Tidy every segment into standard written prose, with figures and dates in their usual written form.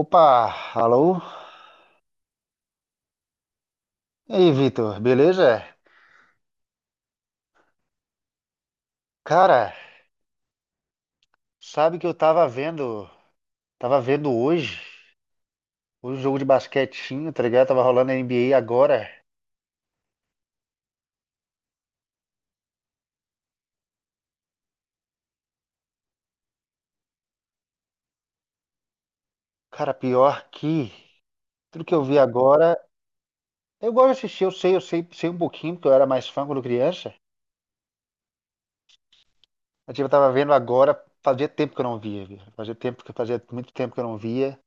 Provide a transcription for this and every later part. Opa, alô? E aí, Vitor, beleza? Cara, sabe que eu tava vendo, tava vendo hoje, hoje o jogo de basquetinho, tá ligado? Tava rolando a NBA agora. Cara, pior que tudo que eu vi agora, eu gosto de assistir, eu sei, sei um pouquinho, porque eu era mais fã quando criança. Mas, tipo, eu tava vendo agora, fazia tempo que eu não via, viu? Fazia tempo que fazia muito tempo que eu não via.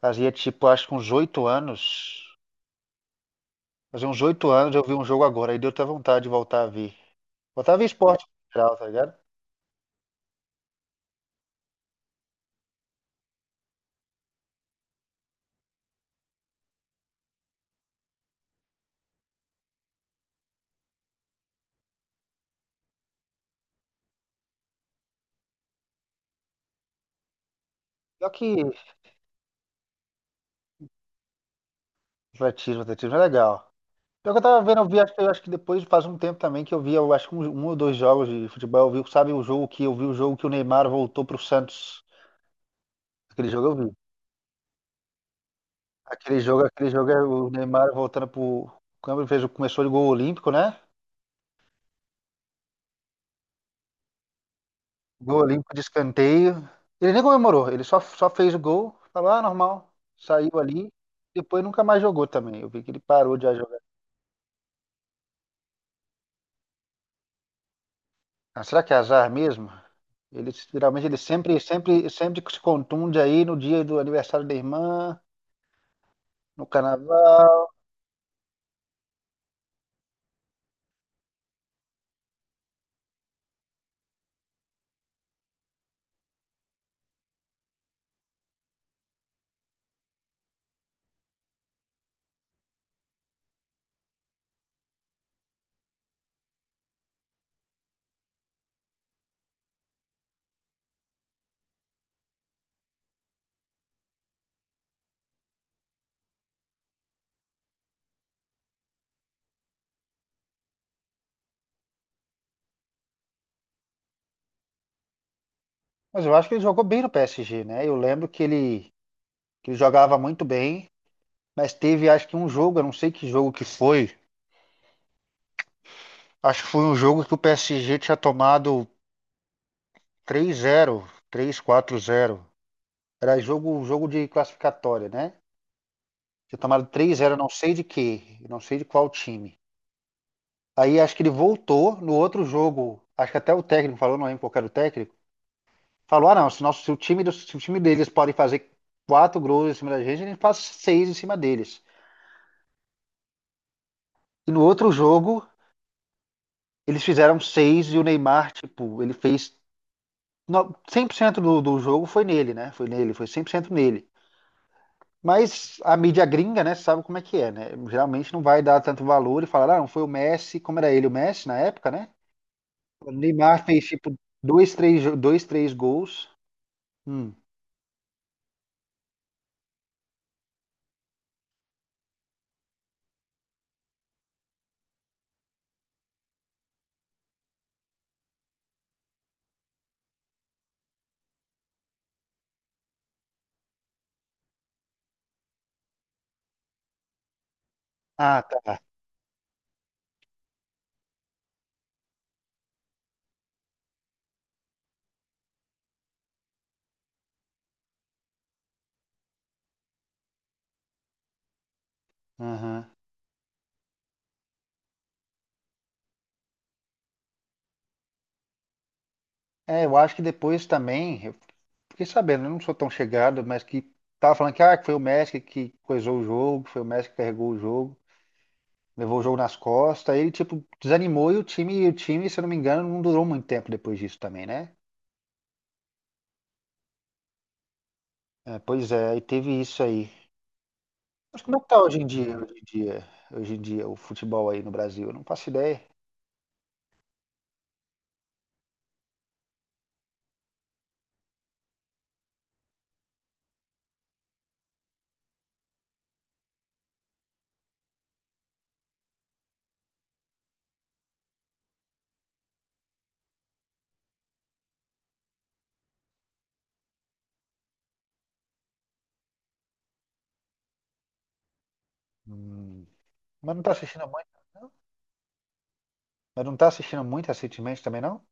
Fazia tipo, acho que uns oito anos. Fazia uns oito anos eu vi um jogo agora, aí deu até vontade de voltar a ver. Voltar a ver esporte em geral, tá ligado? Pior que atletismo, atletismo é legal. Pior que eu tava vendo, eu vi, acho que, eu acho que depois faz um tempo também que eu vi, eu acho que um ou dois jogos de futebol, eu vi, sabe, o jogo que o Neymar voltou pro Santos. Aquele jogo eu vi. Aquele jogo é o Neymar voltando pro câmbio, fez, começou de gol olímpico, né? Gol olímpico de escanteio. Ele nem comemorou, só fez o gol, falou, ah, normal. Saiu ali, depois nunca mais jogou também. Eu vi que ele parou de jogar. Ah, será que é azar mesmo? Ele, geralmente ele sempre se contunde aí no dia do aniversário da irmã, no carnaval. Mas eu acho que ele jogou bem no PSG, né? Eu lembro que ele jogava muito bem, mas teve acho que um jogo, eu não sei que jogo que foi. Acho que foi um jogo que o PSG tinha tomado três zero, três quatro zero. Era jogo, jogo de classificatória, né? Tinha tomado três zero não sei de quê, não sei de qual time. Aí acho que ele voltou no outro jogo. Acho que até o técnico falou, não lembro qual era o técnico. Falou, ah, não, se, nosso, se, se o time deles pode fazer quatro gols em cima da gente, a gente faz seis em cima deles. E no outro jogo, eles fizeram seis e o Neymar, tipo, ele fez. Cem por cento do jogo foi nele, né? Foi nele, foi 100% nele. Mas a mídia gringa, né, sabe como é que é, né? Geralmente não vai dar tanto valor e falar, ah, não foi o Messi, como era ele, o Messi na época, né? O Neymar fez, tipo, dois, três gols. Hum. Ah, tá. Aham. É, eu acho que depois também fiquei sabendo, eu não sou tão chegado, mas que tava falando que, ah, que foi o Messi que coisou o jogo, foi o Messi que carregou o jogo, levou o jogo nas costas, aí ele tipo desanimou e o time, se eu não me engano, não durou muito tempo depois disso também, né? É, pois é, aí teve isso aí. Mas como é que tá hoje em dia, hoje em dia o futebol aí no Brasil? Eu não faço ideia. Hum, mas não tá assistindo muito, não? Mas não tá assistindo muito recentemente também, não?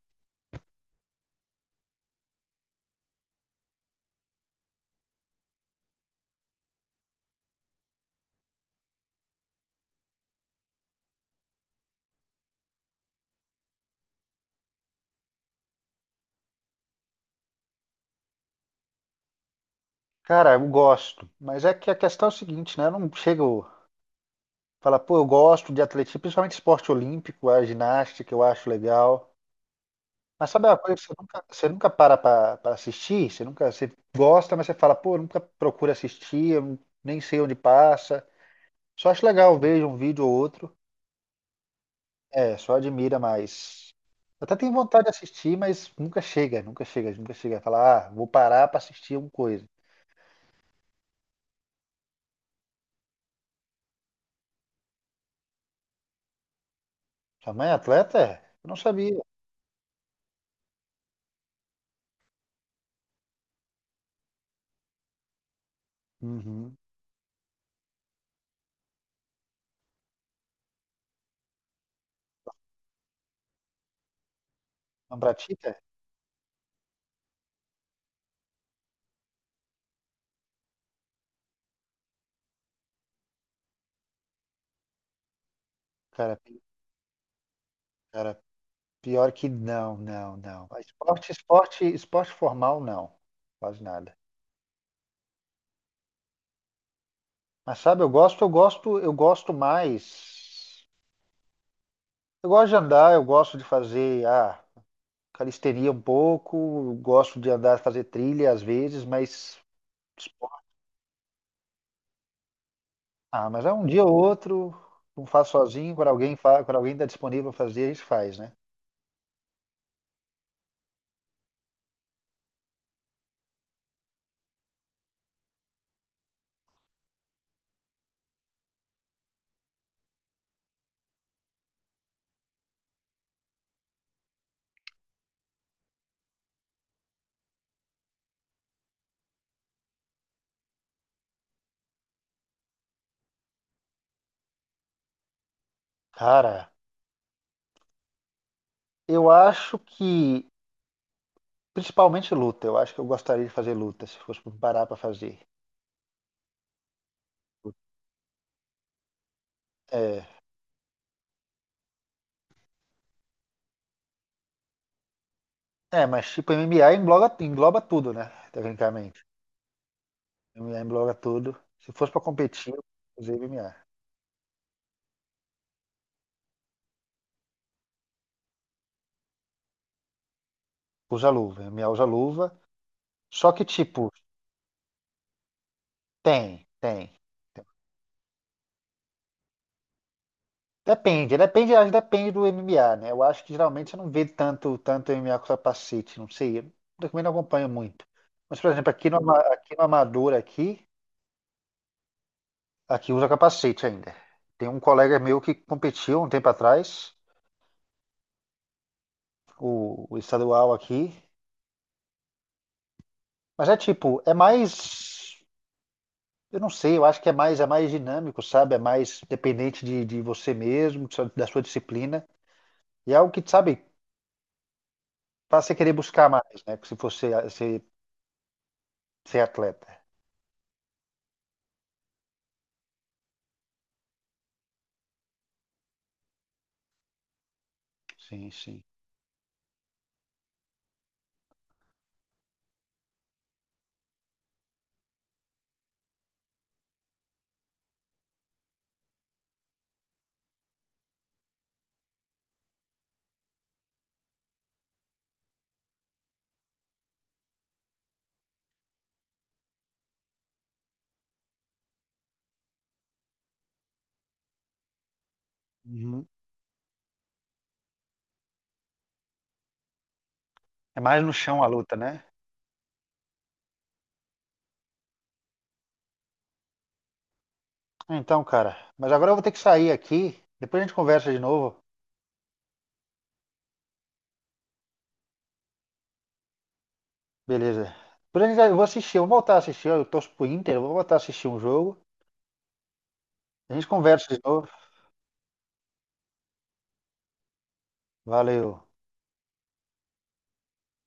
Cara, eu gosto, mas é que a questão é o seguinte, né? Eu não chego. Fala, pô, eu gosto de atletismo, principalmente esporte olímpico, a ginástica, eu acho legal. Mas sabe uma coisa que você nunca para pra assistir? Você nunca, você gosta, mas você fala, pô, eu nunca procura assistir, eu nem sei onde passa. Só acho legal, vejo um vídeo ou outro. É, só admira, mas. Até tenho vontade de assistir, mas nunca chega. Falar, ah, vou parar pra assistir uma coisa. Sua mãe é atleta? É? Eu não sabia. Uhum. Não pratica? Cara, pior que não. Ah, esporte formal, não. Quase nada. Mas sabe, eu gosto mais. Eu gosto de andar, eu gosto de fazer, ah, calistenia um pouco, eu gosto de andar, fazer trilha às vezes, mas esporte- ah, mas é um dia ou outro, não faço sozinho, quando alguém está disponível para fazer, a gente faz, né? Cara, eu acho que principalmente luta, eu acho que eu gostaria de fazer luta, se fosse parar para fazer. É, mas tipo, MMA engloba, engloba tudo, né? Tecnicamente. MMA engloba tudo. Se fosse pra competir, eu usei MMA. Usa luva. MMA usa luva. Só que, tipo, tem, tem. Depende, depende, acho que depende do MMA, né? Eu acho que geralmente você não vê tanto MMA com capacete, não sei. Eu também não acompanho muito. Mas, por exemplo, aqui no Amador, aqui, aqui usa capacete ainda. Tem um colega meu que competiu um tempo atrás, o estadual aqui. Mas é tipo, é mais. Eu não sei, eu acho que é mais dinâmico, sabe? É mais dependente de você mesmo, da sua disciplina. E é algo que, sabe, faz você querer buscar mais, né? Se você ser, ser atleta. Sim, sim. Uhum. É mais no chão a luta, né? Então, cara, mas agora eu vou ter que sair aqui. Depois a gente conversa de novo. Beleza. Depois a gente, eu vou assistir, eu vou voltar a assistir. Eu torço pro Inter, eu vou voltar a assistir um jogo. A gente conversa de novo. Valeu.